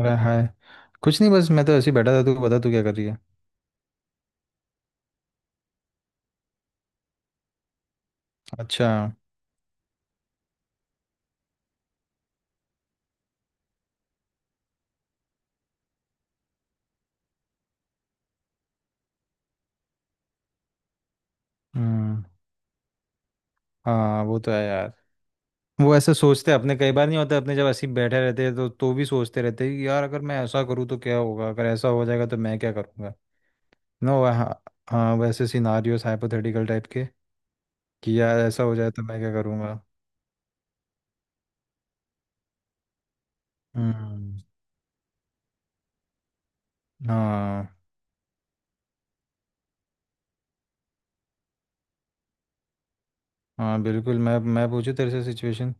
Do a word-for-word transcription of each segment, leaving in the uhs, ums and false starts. अरे, हाय। कुछ नहीं, बस मैं तो ऐसे ही बैठा था। तू बता, तू क्या कर रही है? अच्छा। हम्म। हाँ, वो तो है यार। वो ऐसे सोचते हैं अपने कई बार, नहीं होता, अपने जब ऐसे ही बैठे रहते हैं तो तो भी सोचते रहते हैं कि यार, अगर मैं ऐसा करूँ तो क्या होगा, अगर ऐसा हो जाएगा तो मैं क्या करूँगा। नो, हाँ। हाँ, वैसे सिनारियोस हाइपोथेटिकल टाइप के, कि यार, ऐसा हो जाए तो मैं क्या करूँगा। हम्म। हाँ, हाँ, बिल्कुल। मैं मैं पूछूँ तेरे से सिचुएशन।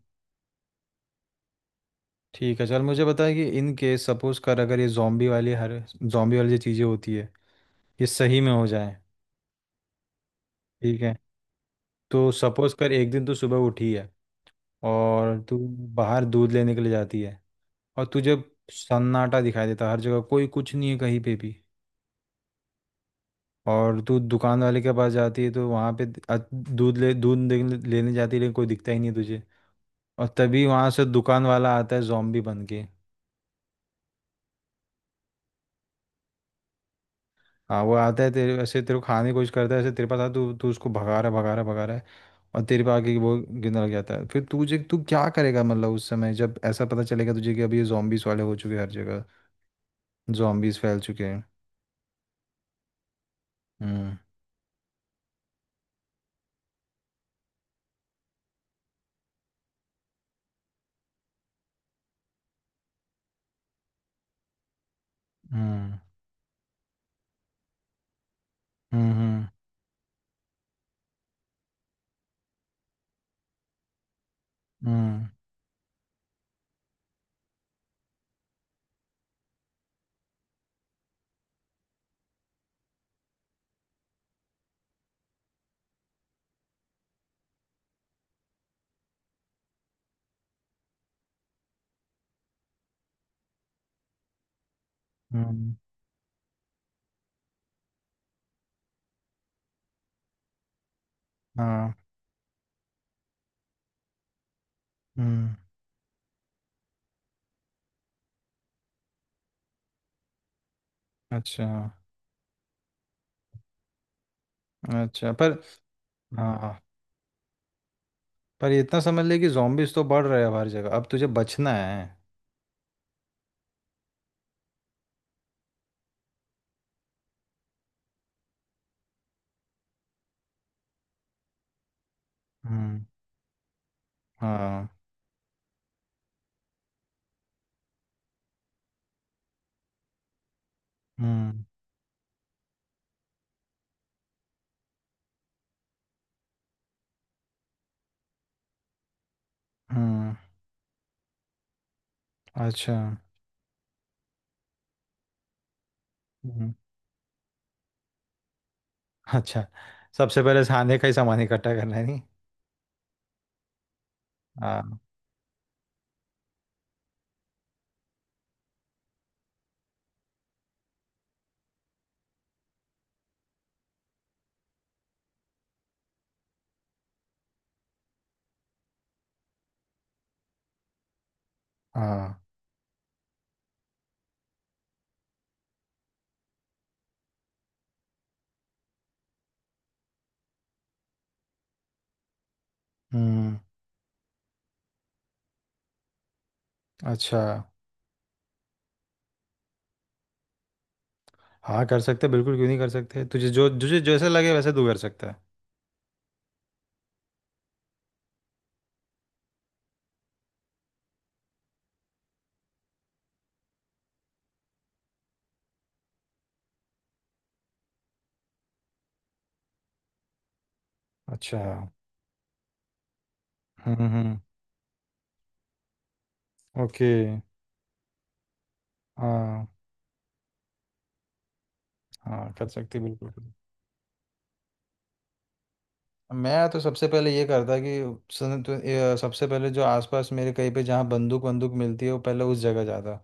ठीक है, चल मुझे बता कि इन केस, सपोज कर, अगर ये जॉम्बी वाली, हर जॉम्बी वाली जो चीज़ें होती है, ये सही में हो जाए। ठीक है। तो सपोज कर, एक दिन तू सुबह उठी है और तू बाहर दूध लेने के लिए जाती है, और तुझे सन्नाटा दिखाई देता है हर जगह, कोई कुछ नहीं है कहीं पे भी। और तू दुकान वाले के पास जाती है तो वहाँ पे अ- दूध ले दूध दे- लेने जाती है, लेकिन कोई दिखता ही नहीं है तुझे। और तभी वहाँ से दुकान वाला आता है, जॉम्बी बन के। हाँ, वो आता है, तेरे ऐसे तेरे को खाने की कोशिश करता है, ऐसे तेरे पास आता है, तू तू उसको भगा रहा है, भगा रहा है, भगा रहा है। और तेरे पे आके वो गिरने लग जाता है, फिर तुझे, तू क्या करेगा मतलब उस समय जब ऐसा पता चलेगा तुझे कि अभी ये zombies वाले हो चुके हैं हर जगह, zombies फैल चुके हैं। हम्म। हम्म। हम्म। हम्म। हम्म। हम्म, हाँ। हम्म। अच्छा। अच्छा, पर हाँ, पर ये इतना समझ ले कि zombies तो बढ़ रहे हैं अब हर जगह, अब तुझे बचना है। हम्म। हाँ। हम्म। हम्म। अच्छा। हम्म, अच्छा। सबसे पहले खाने का ही सामान इकट्ठा करना है, नहीं? हाँ, हाँ। हम्म। अच्छा। हाँ, कर सकते बिल्कुल, क्यों नहीं कर सकते, तुझे जो, तुझे जैसे लगे वैसे तू कर सकता है। अच्छा। हम्म। हम्म। ओके। हाँ, हाँ, कर सकती बिल्कुल, बिल्कुल। मैं तो सबसे पहले ये करता कि सुन, तो ये सबसे पहले जो आसपास मेरे कहीं पे जहाँ बंदूक बंदूक मिलती है, वो पहले उस जगह जाता।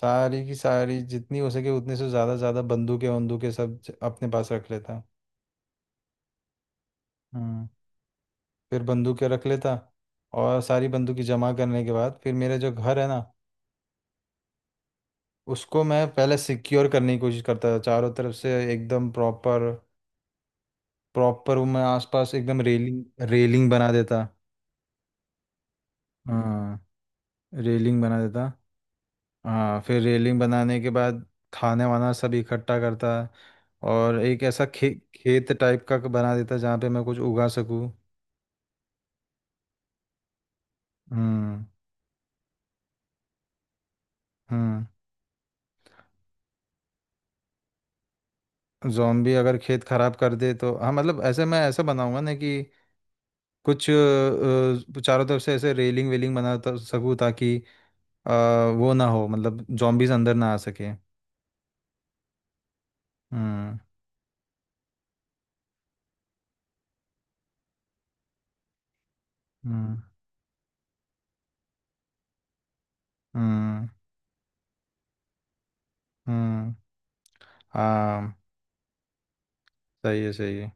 सारी की सारी, जितनी हो सके, उतने से ज़्यादा ज़्यादा बंदूकें बंदूकें सब ज- अपने पास रख लेता। हम्म। फिर बंदूकें रख लेता, और सारी बंदूकें जमा करने के बाद फिर मेरा जो घर है ना, उसको मैं पहले सिक्योर करने की कोशिश करता था चारों तरफ से एकदम प्रॉपर। प्रॉपर, वो मैं आसपास एकदम रेलिंग, रेलिंग बना देता। हाँ, रेलिंग बना देता। हाँ, फिर रेलिंग बनाने के बाद खाने वाना सब इकट्ठा करता। और एक ऐसा खे, खेत टाइप का बना देता जहाँ पे मैं कुछ उगा सकूँ। हम्म। हम्म। जॉम्बी अगर खेत खराब कर दे तो, हाँ मतलब ऐसे, मैं ऐसा बनाऊंगा ना कि कुछ अ, अ, चारों तरफ से ऐसे रेलिंग वेलिंग बना ता- सकूं ताकि अ, वो ना हो, मतलब जॉम्बीज अंदर ना आ सके। हम्म। हम्म। हम्म। हम्म। हाँ। सही है, सही है।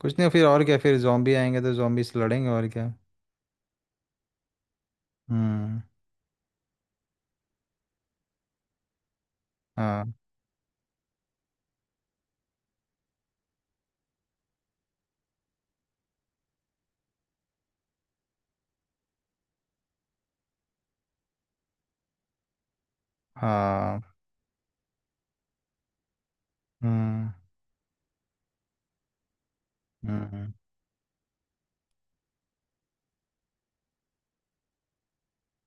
कुछ नहीं, फिर और क्या, फिर जॉम्बी आएंगे तो जॉम्बी से लड़ेंगे, और क्या। हम्म। हाँ, हाँ। हम्म। हम्म।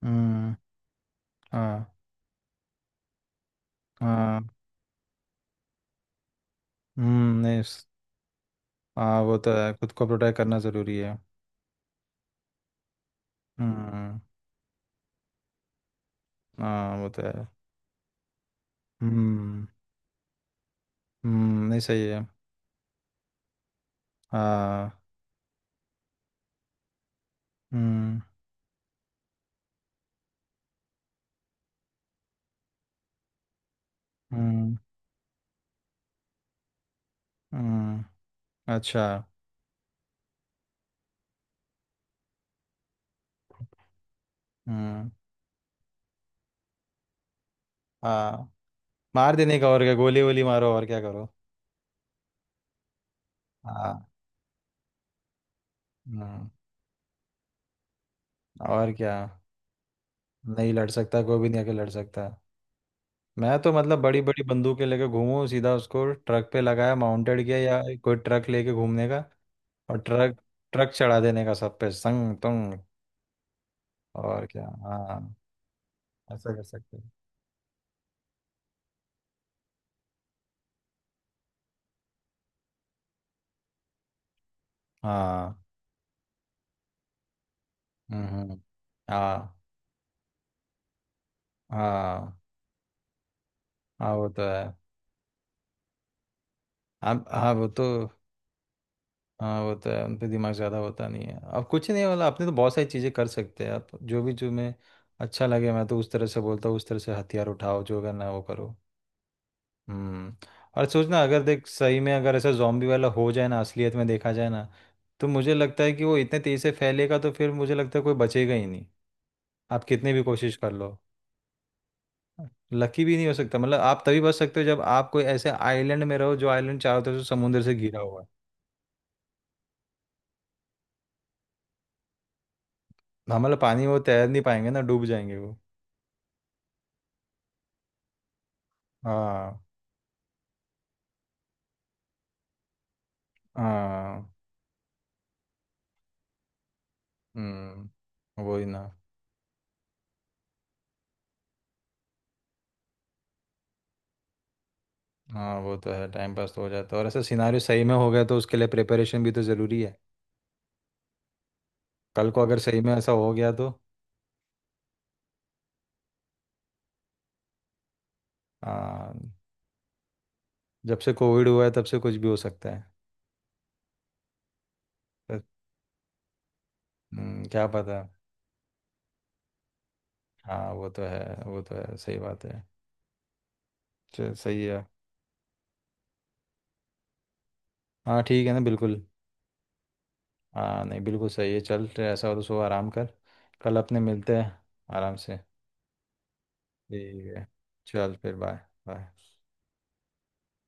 हम्म। हाँ, हाँ। हम्म। नहीं, स- हाँ, वो तो है, खुद को प्रोटेक्ट करना ज़रूरी है। हम्म। हाँ, वो तो है। हम्म। हम्म, नहीं, सही है। हाँ। हम्म। हम्म। हम्म, अच्छा। हम्म। हाँ, मार देने का, और क्या, गोली वोली मारो, और क्या करो। हाँ। हम्म। और क्या, नहीं लड़ सकता कोई भी, नहीं आके लड़ सकता। मैं तो मतलब बड़ी बड़ी बंदूकें लेके घूमूं, सीधा उसको ट्रक पे लगाया, माउंटेड किया, या कोई ट्रक लेके घूमने का। और ट्रक, ट्रक चढ़ा देने का सब पे, संग तुंग। और क्या, हाँ। ऐसा कर सकते हैं। हाँ। हम्म। हम्म, हाँ, हाँ। हाँ, वो तो है। अब हाँ, वो तो, हाँ, वो तो है, उन पे दिमाग ज़्यादा होता नहीं है। अब कुछ नहीं वाला, आपने तो बहुत सारी चीज़ें कर सकते हैं आप, जो भी, जो मैं अच्छा लगे, मैं तो उस तरह से बोलता हूँ, उस तरह से हथियार उठाओ, जो करना है वो करो। हम्म। और सोचना, अगर देख, सही में अगर ऐसा जॉम्बी वाला हो जाए ना, असलियत में देखा जाए ना, तो मुझे लगता है कि वो इतने तेज़ी से फैलेगा, तो फिर मुझे लगता है कोई बचेगा ही नहीं। आप कितने भी कोशिश कर लो, लकी भी नहीं हो सकता। मतलब आप तभी बच सकते हो जब आप कोई ऐसे आइलैंड में रहो, जो आइलैंड चारों तरफ से समुंदर से घिरा हुआ है। हम, मतलब पानी में वो तैर नहीं पाएंगे ना, डूब जाएंगे वो। हाँ, हाँ। हम्म, वही ना। हाँ, वो तो है, टाइम पास तो हो जाता है, और ऐसा सिनारियो सही में हो गया तो उसके लिए प्रिपरेशन भी तो ज़रूरी है। कल को अगर सही में ऐसा हो गया तो। हाँ, जब से कोविड हुआ है तब से कुछ भी हो सकता है। तो, हम्म, क्या पता। हाँ, वो तो है, वो तो है, सही बात है। चल, सही है। हाँ, ठीक है ना, बिल्कुल। हाँ, नहीं, बिल्कुल सही है, चल, तो ऐसा हो तो सो, आराम कर। कल अपने मिलते हैं। आराम से। ठीक है। चल फिर, बाय। बाय।